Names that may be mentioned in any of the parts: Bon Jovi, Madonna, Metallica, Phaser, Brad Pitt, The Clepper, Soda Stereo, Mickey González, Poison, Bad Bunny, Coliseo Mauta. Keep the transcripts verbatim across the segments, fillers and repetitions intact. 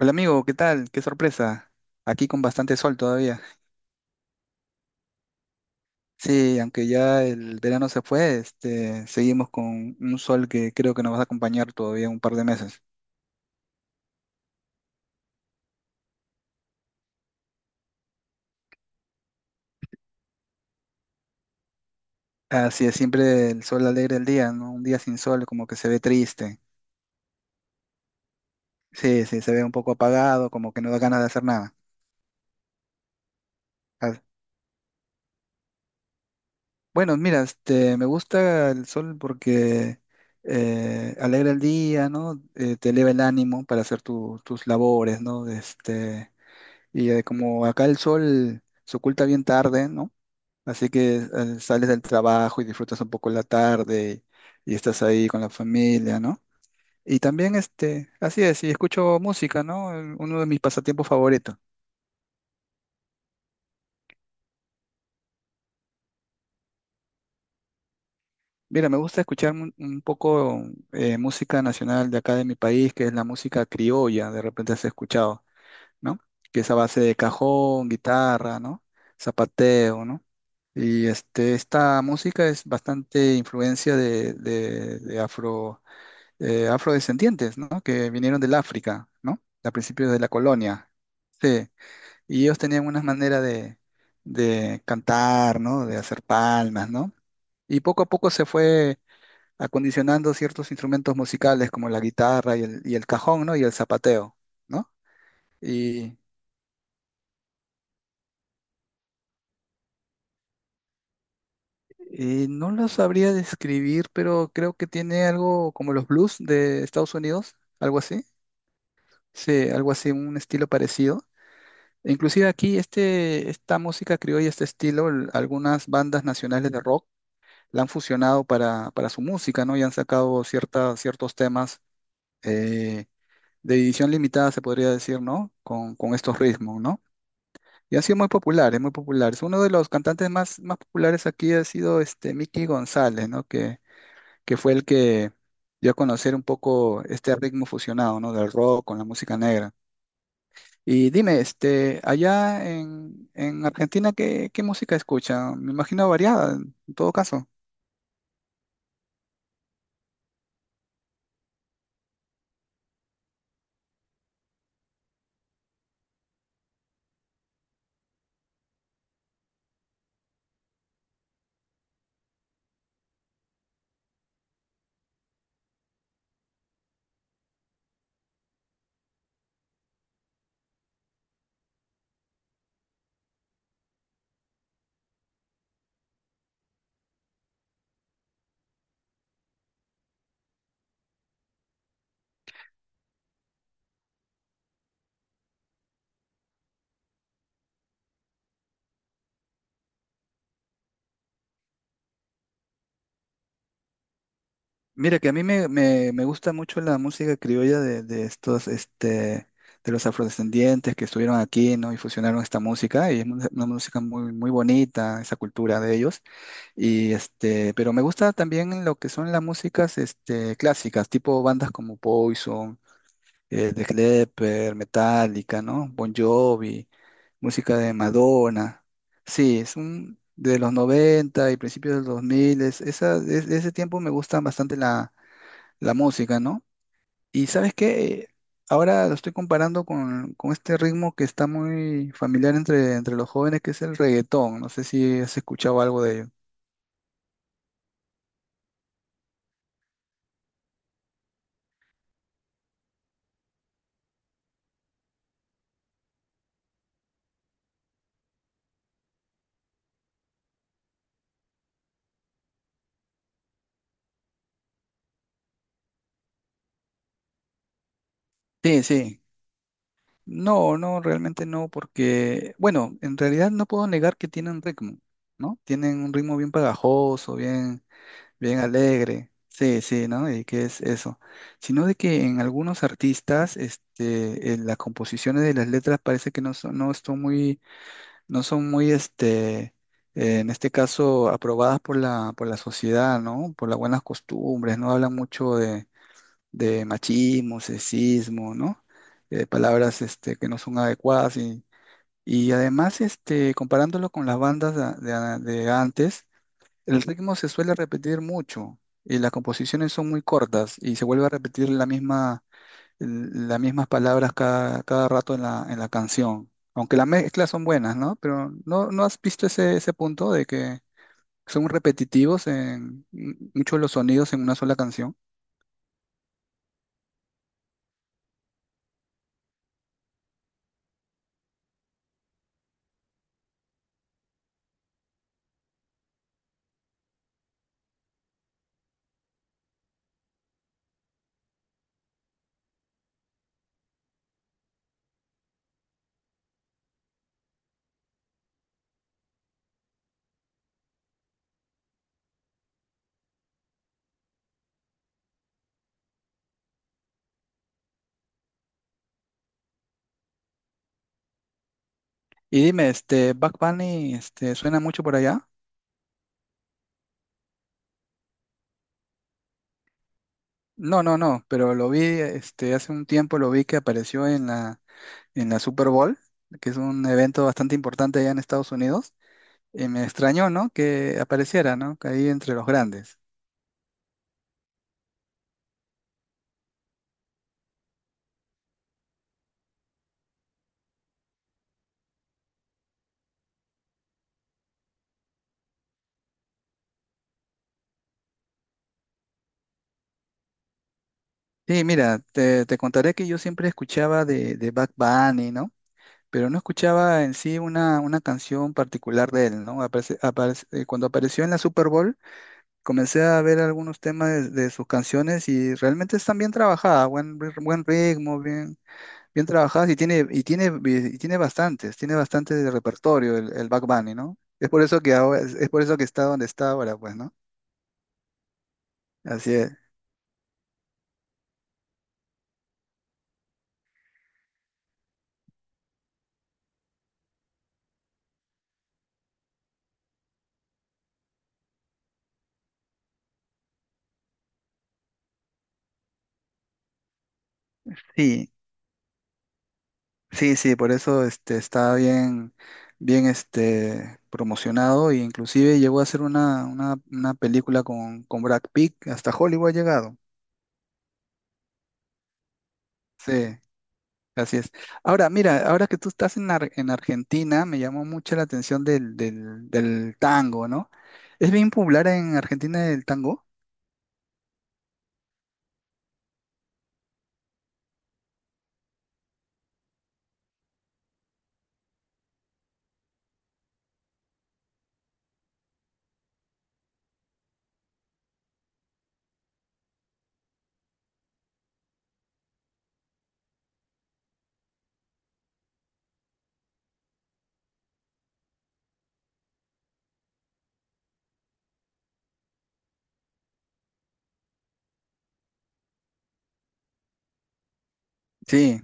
Hola amigo, ¿qué tal? Qué sorpresa. Aquí con bastante sol todavía. Sí, aunque ya el verano se fue, este, seguimos con un sol que creo que nos va a acompañar todavía un par de meses. Así es, siempre el sol alegra el día, ¿no? Un día sin sol como que se ve triste. Sí, sí, se ve un poco apagado, como que no da ganas de hacer nada. Ah, bueno, mira, este, me gusta el sol porque eh, alegra el día, ¿no? Eh, te eleva el ánimo para hacer tu- tus labores, ¿no? Este Y eh, como acá el sol se oculta bien tarde, ¿no? Así que eh, sales del trabajo y disfrutas un poco la tarde y estás ahí con la familia, ¿no? Y también, este, así es, y escucho música, ¿no? El- Uno de mis pasatiempos favoritos. Mira, me gusta escuchar un, un poco eh, música nacional de acá de mi país, que es la música criolla, de repente has escuchado, ¿no? Que es a base de cajón, guitarra, ¿no? Zapateo, ¿no? Y este, esta música es bastante influencia de, de- de afro, eh, afrodescendientes, ¿no? Que vinieron del África, ¿no? A principios de la colonia. Sí. Y ellos tenían una manera de, de cantar, ¿no? De hacer palmas, ¿no? Y poco a poco se fue acondicionando ciertos instrumentos musicales como la guitarra y el, y el cajón, ¿no? Y el zapateo, ¿no? Eh, no lo sabría describir, pero creo que tiene algo como los blues de Estados Unidos, algo así. Sí, algo así, un estilo parecido. E inclusive aquí este, esta música criolla, este estilo, l- algunas bandas nacionales de rock la han fusionado para, para su música, ¿no? Y han sacado cierta, ciertos temas eh, de edición limitada, se podría decir, ¿no? Con, con estos ritmos, ¿no? Y han sido muy populares, muy populares. Uno de los cantantes más, más populares aquí ha sido este Mickey González, ¿no? Que fue el que dio a conocer un poco este ritmo fusionado, ¿no? Del rock con la música negra. Y dime, este, allá en, en Argentina, ¿qué, qué música escuchan? Me imagino variada, en todo caso. Mira, que a mí me, me- me gusta mucho la música criolla de, de estos, este, de los afrodescendientes que estuvieron aquí, ¿no? Y fusionaron esta música, y es una, una música muy, muy bonita, esa cultura de ellos. Y este, pero me gusta también lo que son las músicas este, clásicas, tipo bandas como Poison, eh, The Clepper, Metallica, ¿no? Bon Jovi, música de Madonna. Sí, es un de los noventa y principios de los dos mil es- esa, de, de ese tiempo me gusta bastante la, la música, ¿no? Y ¿sabes qué? Ahora lo estoy comparando con, con este ritmo que está muy familiar entre, entre los jóvenes, que es el reggaetón. No sé si has escuchado algo de ello. Sí, sí. no, no, realmente no, porque, bueno, en realidad no puedo negar que tienen ritmo, ¿no? Tienen un ritmo bien pegajoso, bien, bien alegre, sí, sí, ¿no? Y qué es eso, sino de que en algunos artistas, este, en las composiciones de las letras parece que no son, no son muy, no son muy, este, eh, en este caso, aprobadas por la, por la sociedad, ¿no? Por las buenas costumbres, no hablan mucho de machismo, sexismo, ¿no? Eh, palabras este, que no son adecuadas y, y además este, comparándolo con las bandas de, de- de antes, el ritmo se suele repetir mucho y las composiciones son muy cortas y se vuelve a repetir la misma, el- las mismas palabras cada, cada rato en la, en la canción. Aunque las mezclas son buenas, ¿no? Pero ¿no, no has visto ese, ese punto de que son repetitivos en muchos de los sonidos en una sola canción? Y dime, este, Bad Bunny, este, ¿suena mucho por allá? No, no, no, pero lo vi, este, hace un tiempo lo vi que apareció en la, en la Super Bowl, que es un evento bastante importante allá en Estados Unidos, y me extrañó, ¿no? Que apareciera, ¿no? Que ahí entre los grandes. Sí, mira, te, te contaré que yo siempre escuchaba de, de Bad Bunny, ¿no? Pero no escuchaba en sí una, una canción particular de él, ¿no? Aparece- aparece- eh, cuando apareció en la Super Bowl, comencé a ver algunos temas de, de sus canciones y realmente están bien trabajadas, buen, ri- buen ritmo, bien, bien trabajadas y tiene, y tiene, y tiene bastantes, tiene bastante de repertorio el, el Bad Bunny, ¿no? Es por eso que ahora, es por eso que está donde está ahora, pues, ¿no? Así es. Sí, sí, sí, por eso este, está bien, bien este, promocionado e inclusive llegó a hacer una, una, una película con, con Brad Pitt, hasta Hollywood ha llegado. Sí. Así es. Ahora, mira, ahora que tú estás en, Ar- en Argentina, me llamó mucho la atención del, del, del tango, ¿no? ¿Es bien popular en Argentina el tango? Sí,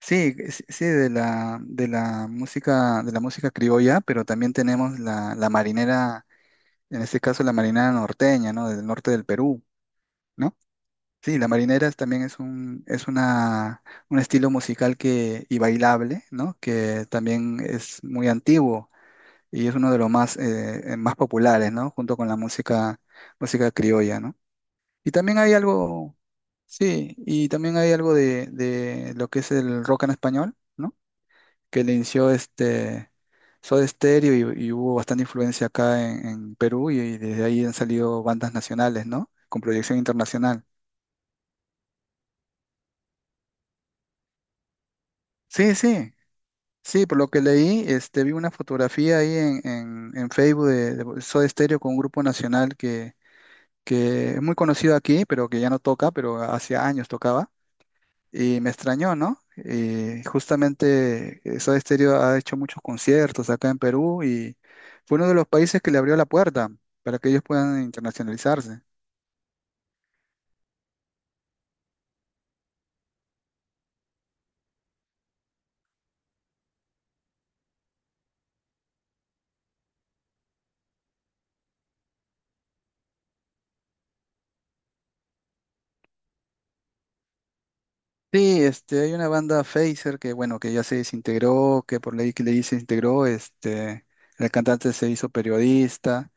sí, sí, sí, de la, de la música, de la música criolla, pero también tenemos la, la marinera, en este caso la marinera norteña, ¿no? Del norte del Perú, ¿no? Sí, la marinera es- también es un, es una, un estilo musical que, y bailable, ¿no? Que también es muy antiguo. Y es uno de los más, eh, eh, más populares, ¿no? Junto con la música, música criolla, ¿no? Y también hay algo. Sí, y también hay algo de, de lo que es el rock en español, ¿no? Que le inició este Soda Stereo y, y hubo bastante influencia acá en, en Perú y, y desde ahí han salido bandas nacionales, ¿no? Con proyección internacional. Sí, sí. Sí, por lo que leí, este, vi una fotografía ahí en, en, en Facebook de, de Soda Stereo con un grupo nacional que, que es muy conocido aquí, pero que ya no toca, pero hace años tocaba, y me extrañó, ¿no? Y justamente eh, Soda Stereo ha hecho muchos conciertos acá en Perú y fue uno de los países que le abrió la puerta para que ellos puedan internacionalizarse. Sí, este, hay una banda Phaser que, bueno, que ya se desintegró, que por ley que le se integró, este, el cantante se hizo periodista,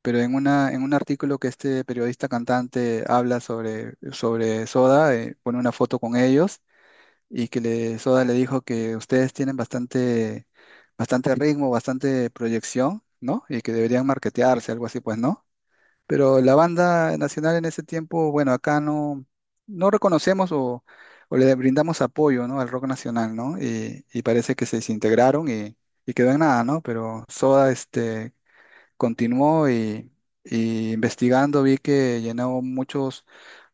pero en una, en un artículo que este periodista cantante habla sobre, sobre Soda, eh, pone una foto con ellos y que le, Soda le dijo que ustedes tienen bastante, bastante ritmo, bastante proyección, ¿no? Y que deberían marketearse, algo así, pues, ¿no? Pero la banda nacional en ese tiempo, bueno, acá no, no reconocemos o, o le brindamos apoyo, ¿no? Al rock nacional, ¿no? Y, y parece que se desintegraron y, y quedó en nada, ¿no? Pero Soda, este, continuó y, y investigando vi que llenó muchos,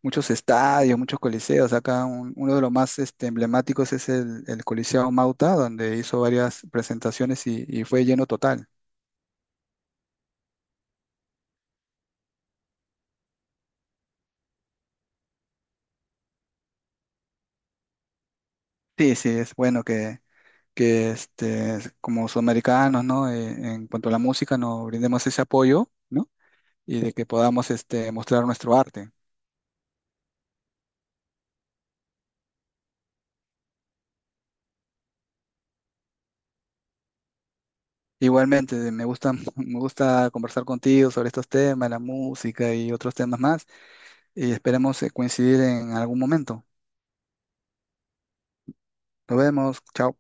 muchos estadios, muchos coliseos. Acá un- uno de los más este, emblemáticos es el, el Coliseo Mauta, donde hizo varias presentaciones y, y fue lleno total. Sí, sí, es bueno que, que este, como sudamericanos, ¿no? Eh, en cuanto a la música, nos brindemos ese apoyo, ¿no? Y de que podamos este, mostrar nuestro arte. Igualmente, me gusta, me gusta conversar contigo sobre estos temas, la música y otros temas más. Y esperemos eh, coincidir en algún momento. Nos vemos, chao.